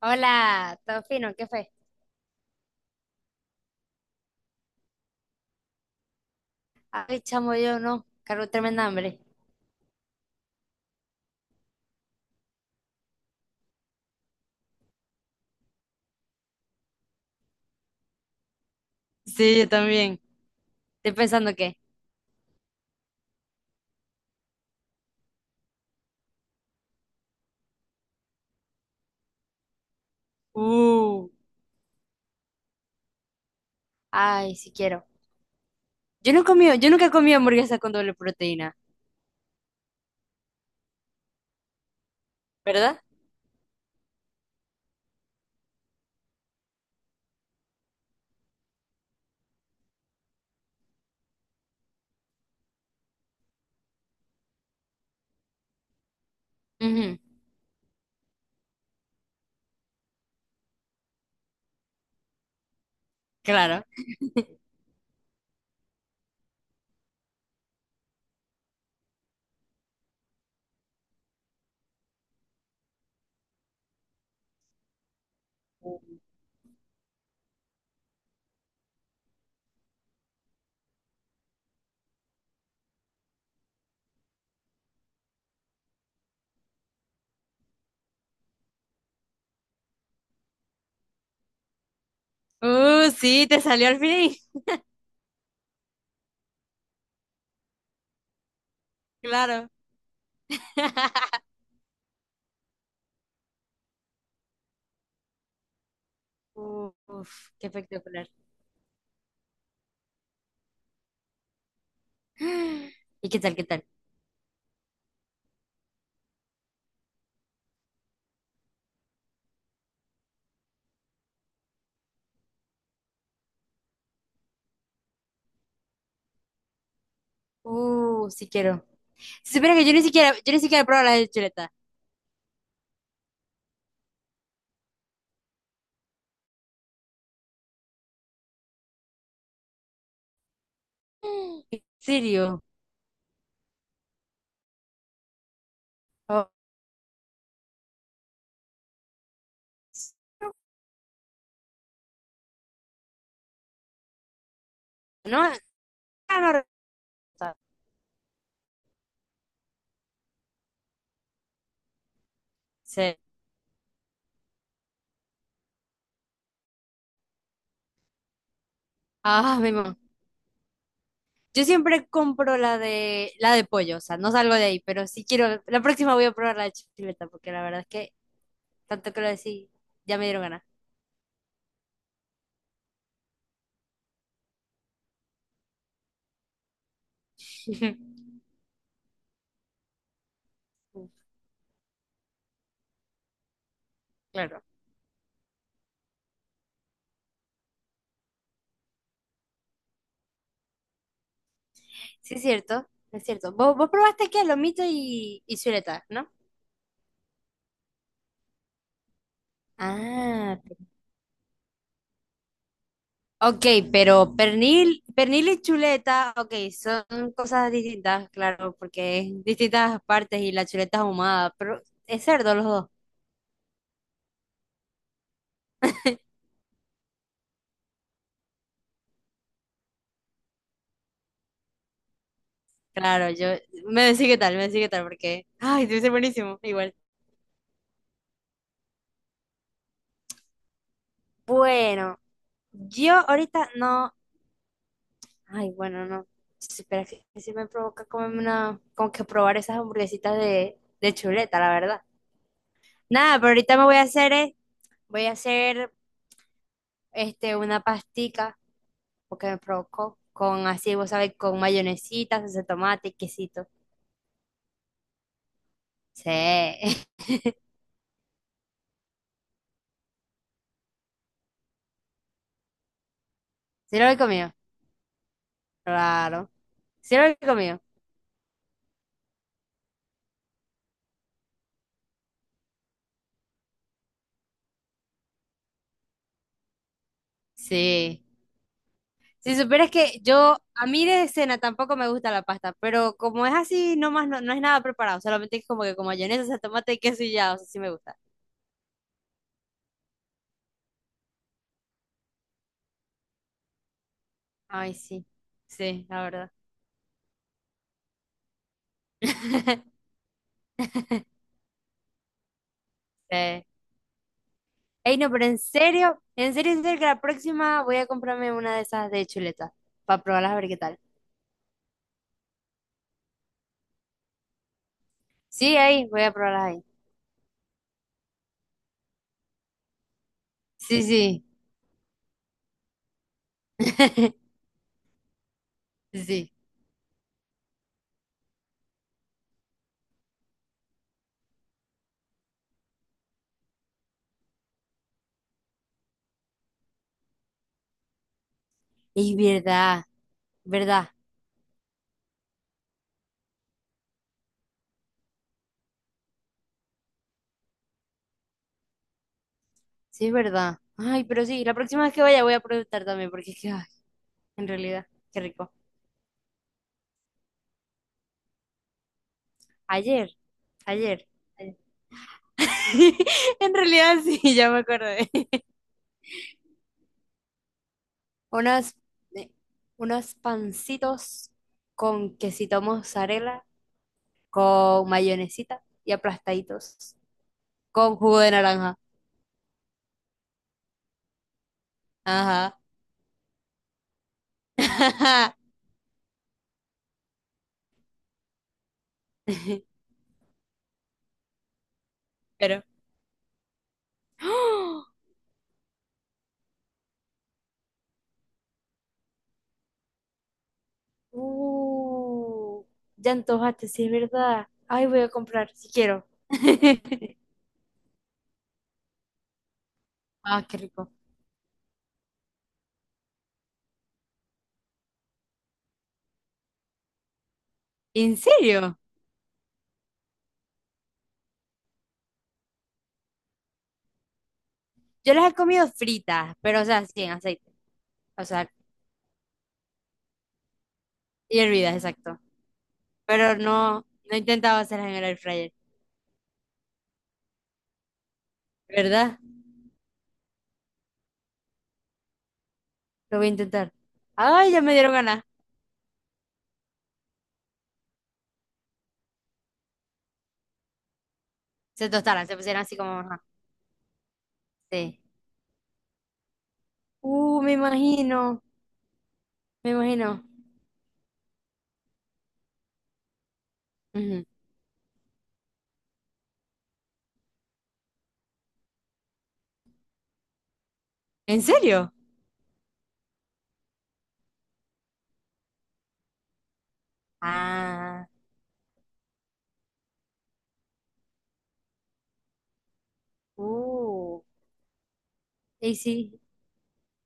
Hola, ¿todo fino? ¿Qué fue? Ay, chamo, yo no. Cargo tremenda hambre. Sí, yo también. Estoy pensando que. Uh, Ay, si quiero. Yo nunca he comido hamburguesa con doble proteína. ¿Verdad? Ujú, claro. Uh, sí, te salió al fin. Claro. Uf, qué espectacular. ¿Y qué tal, qué tal? Si quiero. Si supiera que yo ni siquiera he probado la de chuleta. ¿En serio? Oh, no, no, no. Sí. Ah, mi mamá. Yo siempre compro la de pollo, o sea, no salgo de ahí, pero si quiero, la próxima voy a probar la de chuleta, porque la verdad es que tanto que lo decís, ya me dieron ganas. Claro. Sí, es cierto, es cierto. Vos probaste aquí a lomito y chuleta, ¿no? Ah, ok, pero pernil, pernil y chuleta, ok, son cosas distintas, claro, porque es distintas partes y la chuleta es ahumada, pero es cerdo los dos. Claro, yo me decís qué tal, me decís qué tal, porque, ay, debe ser buenísimo, igual. Bueno, yo ahorita no. Ay, bueno, no. Espera. Pero que sí me provoca comerme una. Como que probar esas hamburguesitas de chuleta, la verdad. Nada, pero ahorita me voy a hacer. Voy a hacer este, una pastica, porque me provocó. Con así, vos sabés, con mayonesita, salsa de tomate, quesito. Sí. ¿Sí lo he comido? Claro. ¿Sí lo he comido? Sí. Si supieras que yo, a mí de cena tampoco me gusta la pasta, pero como es así, no más, no, no es nada preparado, solamente es como que como mayonesa, o sea, tomate y queso y ya, o sea, sí me gusta. Ay, sí, sí, la verdad. Sí. Ey, no, pero en serio, en serio, en serio, que la próxima voy a comprarme una de esas de chuletas para probarlas a ver qué tal. Sí, ahí, voy a probarlas ahí. Sí, sí, sí. Es verdad, verdad, sí, es verdad. Ay, pero sí, la próxima vez que vaya voy a preguntar también, porque es que, ay, en realidad, qué rico. Ayer, ayer, ayer. En realidad sí, ya me acordé. Unas, eh, unos pancitos con quesito mozzarella, con mayonesita y aplastaditos, con jugo de naranja. Ajá. Pero. ¡Oh! Ya antojaste, sí es verdad. Ay, voy a comprar, si quiero. Ah, qué rico. ¿En serio? Yo las he comido fritas, pero o sea, sin aceite. O sea, y hervidas, exacto. Pero no he intentado hacerlas en el air fryer, ¿verdad? Lo voy a intentar. Ay, ya me dieron ganas. Se tostaran, se pusieran así como, ajá, sí. Me imagino, me imagino. Ujú. ¿En serio? Ah, uh, y sí,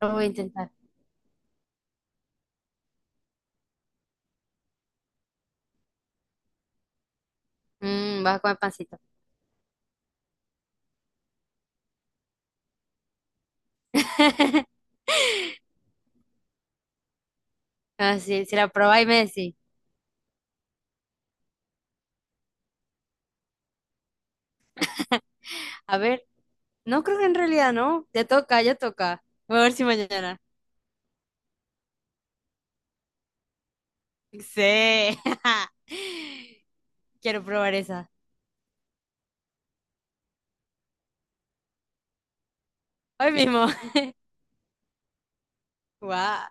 lo voy a intentar. Mm, vas a comer pancito. Ah, sí, si la probáis me decís. A ver, no creo que en realidad no. Ya toca, ya toca. Voy a ver si mañana. Sí. Quiero probar esa. Hoy mismo. Guau,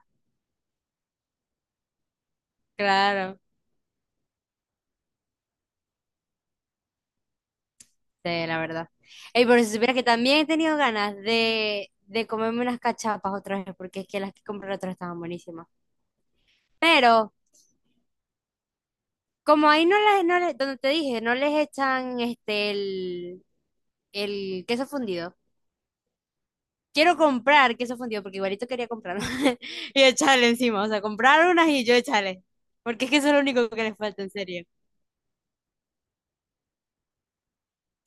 claro, sí, la verdad. Ey, pero si supieras que también he tenido ganas de comerme unas cachapas otra vez, porque es que las que compré la otra vez estaban buenísimas. Pero, como ahí no las, no les- donde te dije, no les echan este el queso fundido. Quiero comprar queso fundido, porque igualito quería comprarlo. Y echarle encima, o sea, comprar unas y yo echarle. Porque es que eso es lo único que les falta, en serio.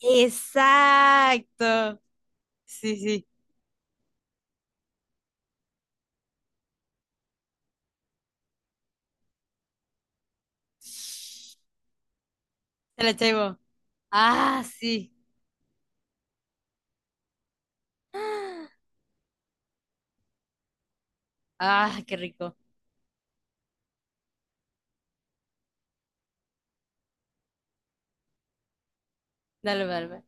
Exacto. Sí, sí. Te la echáis vos. Ah, sí. Ah, qué rico. Dale, dale.